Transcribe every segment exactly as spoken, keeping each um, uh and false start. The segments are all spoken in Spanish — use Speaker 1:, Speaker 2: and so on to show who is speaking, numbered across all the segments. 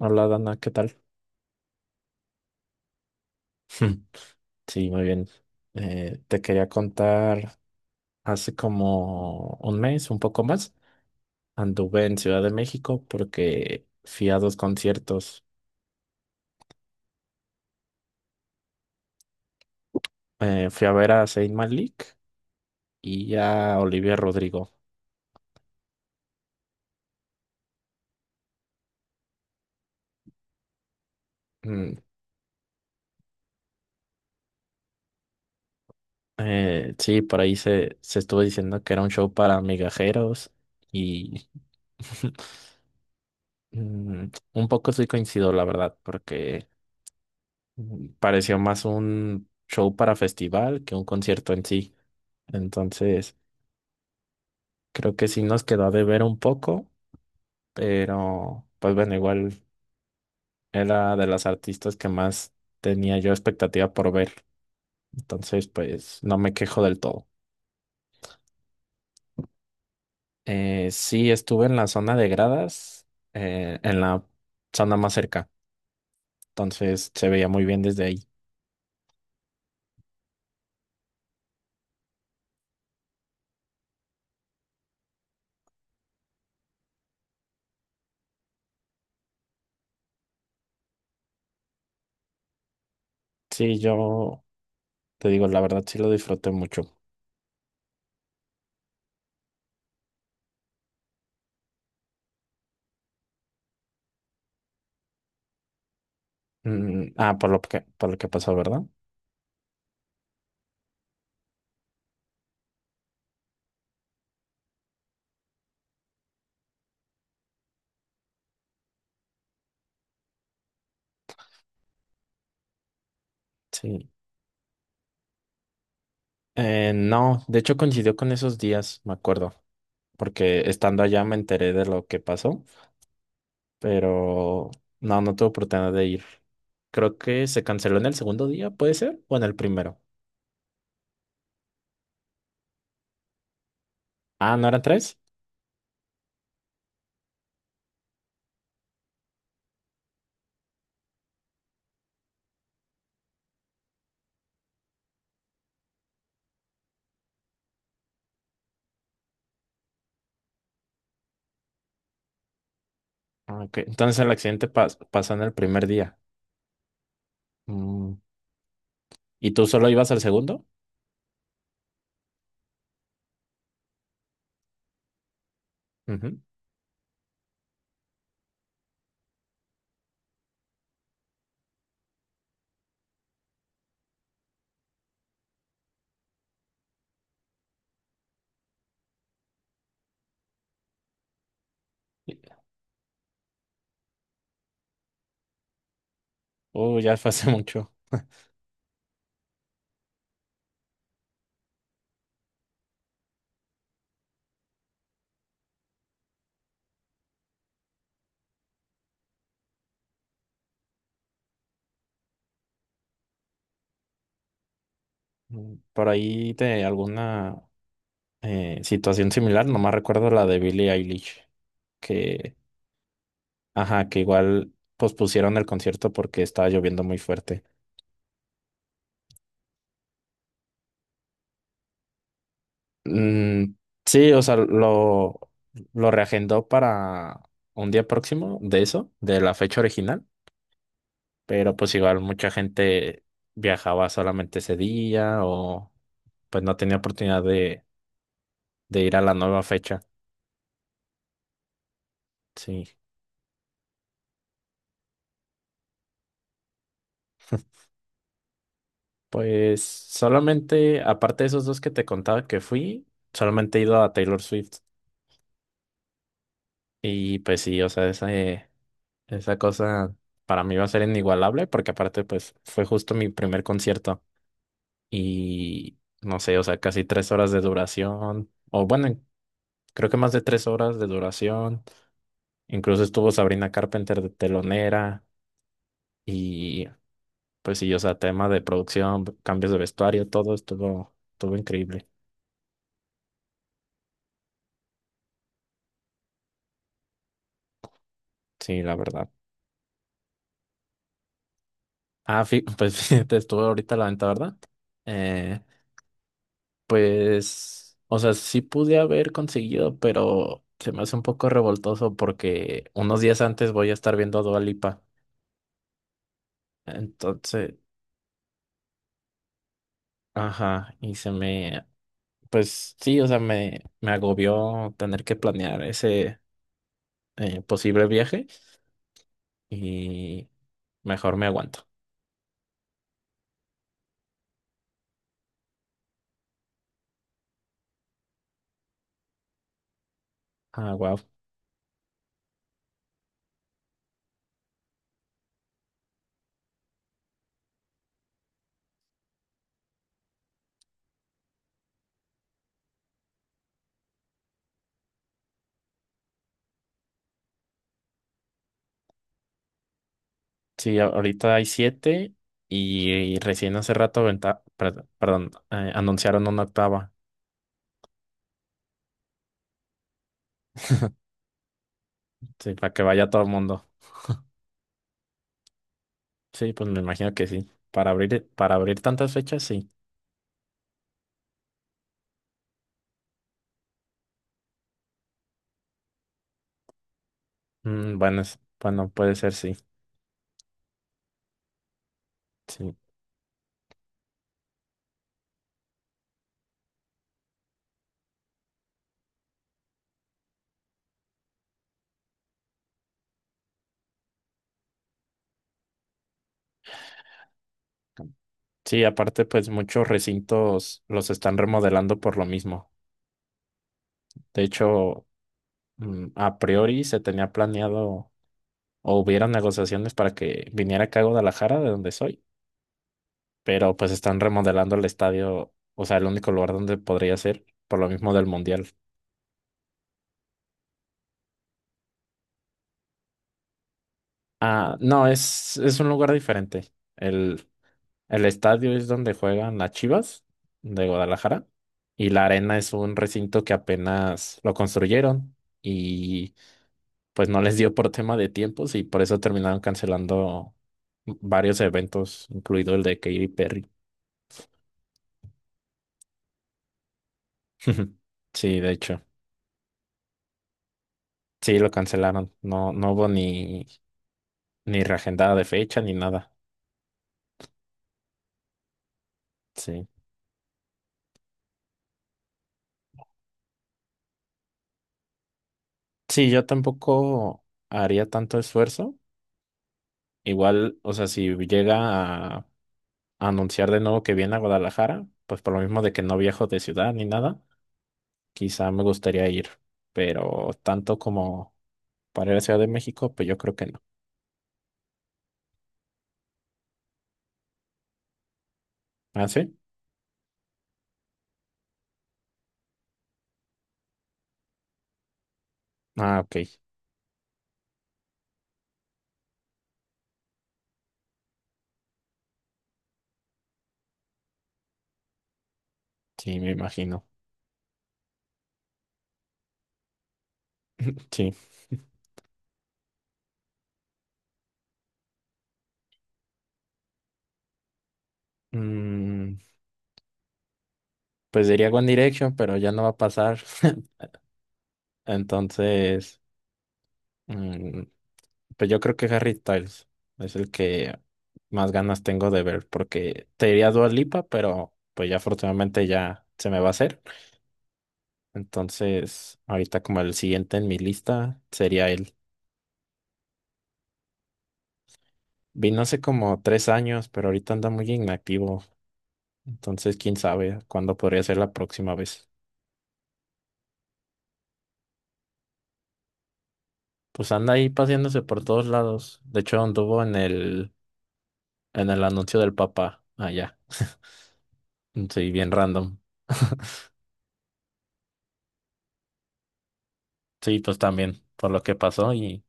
Speaker 1: Hola Dana, ¿qué tal? Sí, muy bien. Eh, te quería contar, hace como un mes, un poco más, anduve en Ciudad de México porque fui a dos conciertos. Eh, fui a ver a Zayn Malik y a Olivia Rodrigo. Mm, eh, sí, por ahí se, se estuvo diciendo que era un show para migajeros y mm, un poco soy coincido, la verdad, porque mm, pareció más un show para festival que un concierto en sí. Entonces, creo que sí nos quedó de ver un poco, pero pues bueno, igual era de las artistas que más tenía yo expectativa por ver. Entonces, pues no me quejo del todo. Eh, sí, estuve en la zona de gradas, eh, en la zona más cerca. Entonces se veía muy bien desde ahí. Sí, yo te digo, la verdad sí lo disfruté mucho. Mm, ah, por lo que, por lo que pasó, ¿verdad? Sí. Eh, no, de hecho coincidió con esos días, me acuerdo, porque estando allá me enteré de lo que pasó. Pero no, no tuve oportunidad de ir. Creo que se canceló en el segundo día, ¿puede ser? ¿O en el primero? Ah, ¿no eran tres? Ah, ok, entonces el accidente pas- pasó en el primer día. Mm, ¿Y tú solo ibas al segundo? Ujú. Y- Oh, ya fue hace mucho. Mm, Por ahí de alguna eh, situación similar, nomás recuerdo la de Billie Eilish, que, ajá, que igual pospusieron el concierto porque estaba lloviendo muy fuerte. Mm, sí, o sea, lo, lo reagendó para un día próximo de eso, de la fecha original, pero pues igual mucha gente viajaba solamente ese día o pues no tenía oportunidad de, de ir a la nueva fecha. Sí, pues solamente, aparte de esos dos que te contaba que fui, solamente he ido a Taylor Swift y pues sí, o sea, esa, eh, esa cosa para mí va a ser inigualable porque aparte pues fue justo mi primer concierto. Y no sé, o sea, casi tres horas de duración, o bueno, en- creo que más de tres horas de duración. Incluso estuvo Sabrina Carpenter de telonera y pues sí, o sea, tema de producción, cambios de vestuario, todo estuvo, estuvo increíble, sí, la verdad. Ah, fí- pues fíjate, estuvo ahorita a la venta, ¿verdad? Eh, pues, o sea, sí pude haber conseguido, pero se me hace un poco revoltoso porque unos días antes voy a estar viendo a Dua Lipa. Entonces, ajá, y se me, pues sí, o sea, me, me agobió tener que planear ese eh, posible viaje y mejor me aguanto. Ah, wow. Sí, a- ahorita hay siete y, y recién hace rato aventa- per- perdón, eh, anunciaron una octava, sí, para que vaya todo el mundo. Sí, pues me imagino que sí. Para abrir, para abrir tantas fechas, sí. Mm, bueno, es- bueno, puede ser, sí. Sí. Sí, aparte, pues muchos recintos los están remodelando por lo mismo. De hecho, mm, a priori se tenía planeado o hubieron negociaciones para que viniera acá a Guadalajara, de donde soy, pero pues están remodelando el estadio, o sea, el único lugar donde podría ser, por lo mismo del Mundial. Ah, no, es, es un lugar diferente. El, el estadio es donde juegan las Chivas de Guadalajara y la arena es un recinto que apenas lo construyeron, pues no les dio por tema de tiempos y por eso terminaron cancelando varios eventos, incluido el de Katy Perry. Sí, de hecho, sí lo cancelaron. No, no hubo ni, ni, reagendada de fecha ni nada. Sí. Sí, yo tampoco haría tanto esfuerzo. Igual, o sea, si llega a anunciar de nuevo que viene a Guadalajara, pues por lo mismo de que no viajo de ciudad ni nada, quizá me gustaría ir. Pero tanto como para ir a Ciudad de México, pues yo creo que no. ¿Ah, sí? Ah, ok. Sí, me imagino. Sí. Mm, pues diría One Direction, pero ya no va a pasar. Entonces, mm, pues yo creo que Harry Styles es el que más ganas tengo de ver, porque te diría Dua Lipa, pero pues ya afortunadamente ya se me va a hacer. Entonces, ahorita como el siguiente en mi lista sería él. Vino hace como tres años, pero ahorita anda muy inactivo. Entonces, quién sabe cuándo podría ser la próxima vez. Pues anda ahí paseándose por todos lados. De hecho, anduvo en el, en el anuncio del Papa allá. Sí, bien random. Sí, pues también, por lo que pasó y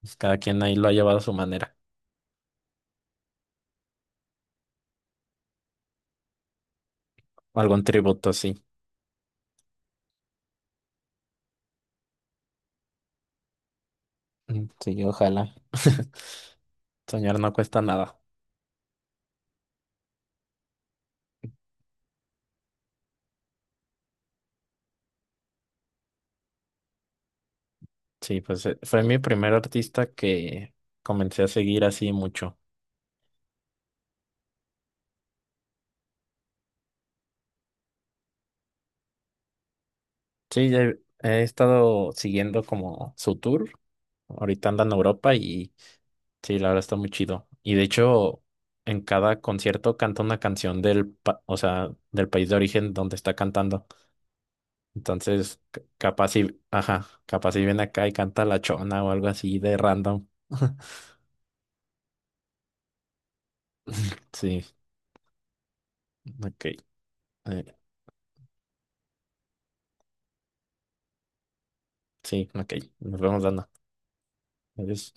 Speaker 1: pues, cada quien ahí lo ha llevado a su manera. Algún tributo, sí. Mm, sí, ojalá. Soñar no cuesta nada. Sí, pues eh, fue mi primer artista que comencé a seguir así mucho. Sí, ya he, he estado siguiendo como su tour. Ahorita anda en Europa y sí, la verdad está muy chido. Y de hecho, en cada concierto canta una canción del, pa- o sea, del país de origen donde está cantando. Entonces, ca- capaz si, ajá, capaz si viene acá y canta La Chona o algo así de random. Sí, ok. eh, sí, ok. Nos vemos dando. Adiós.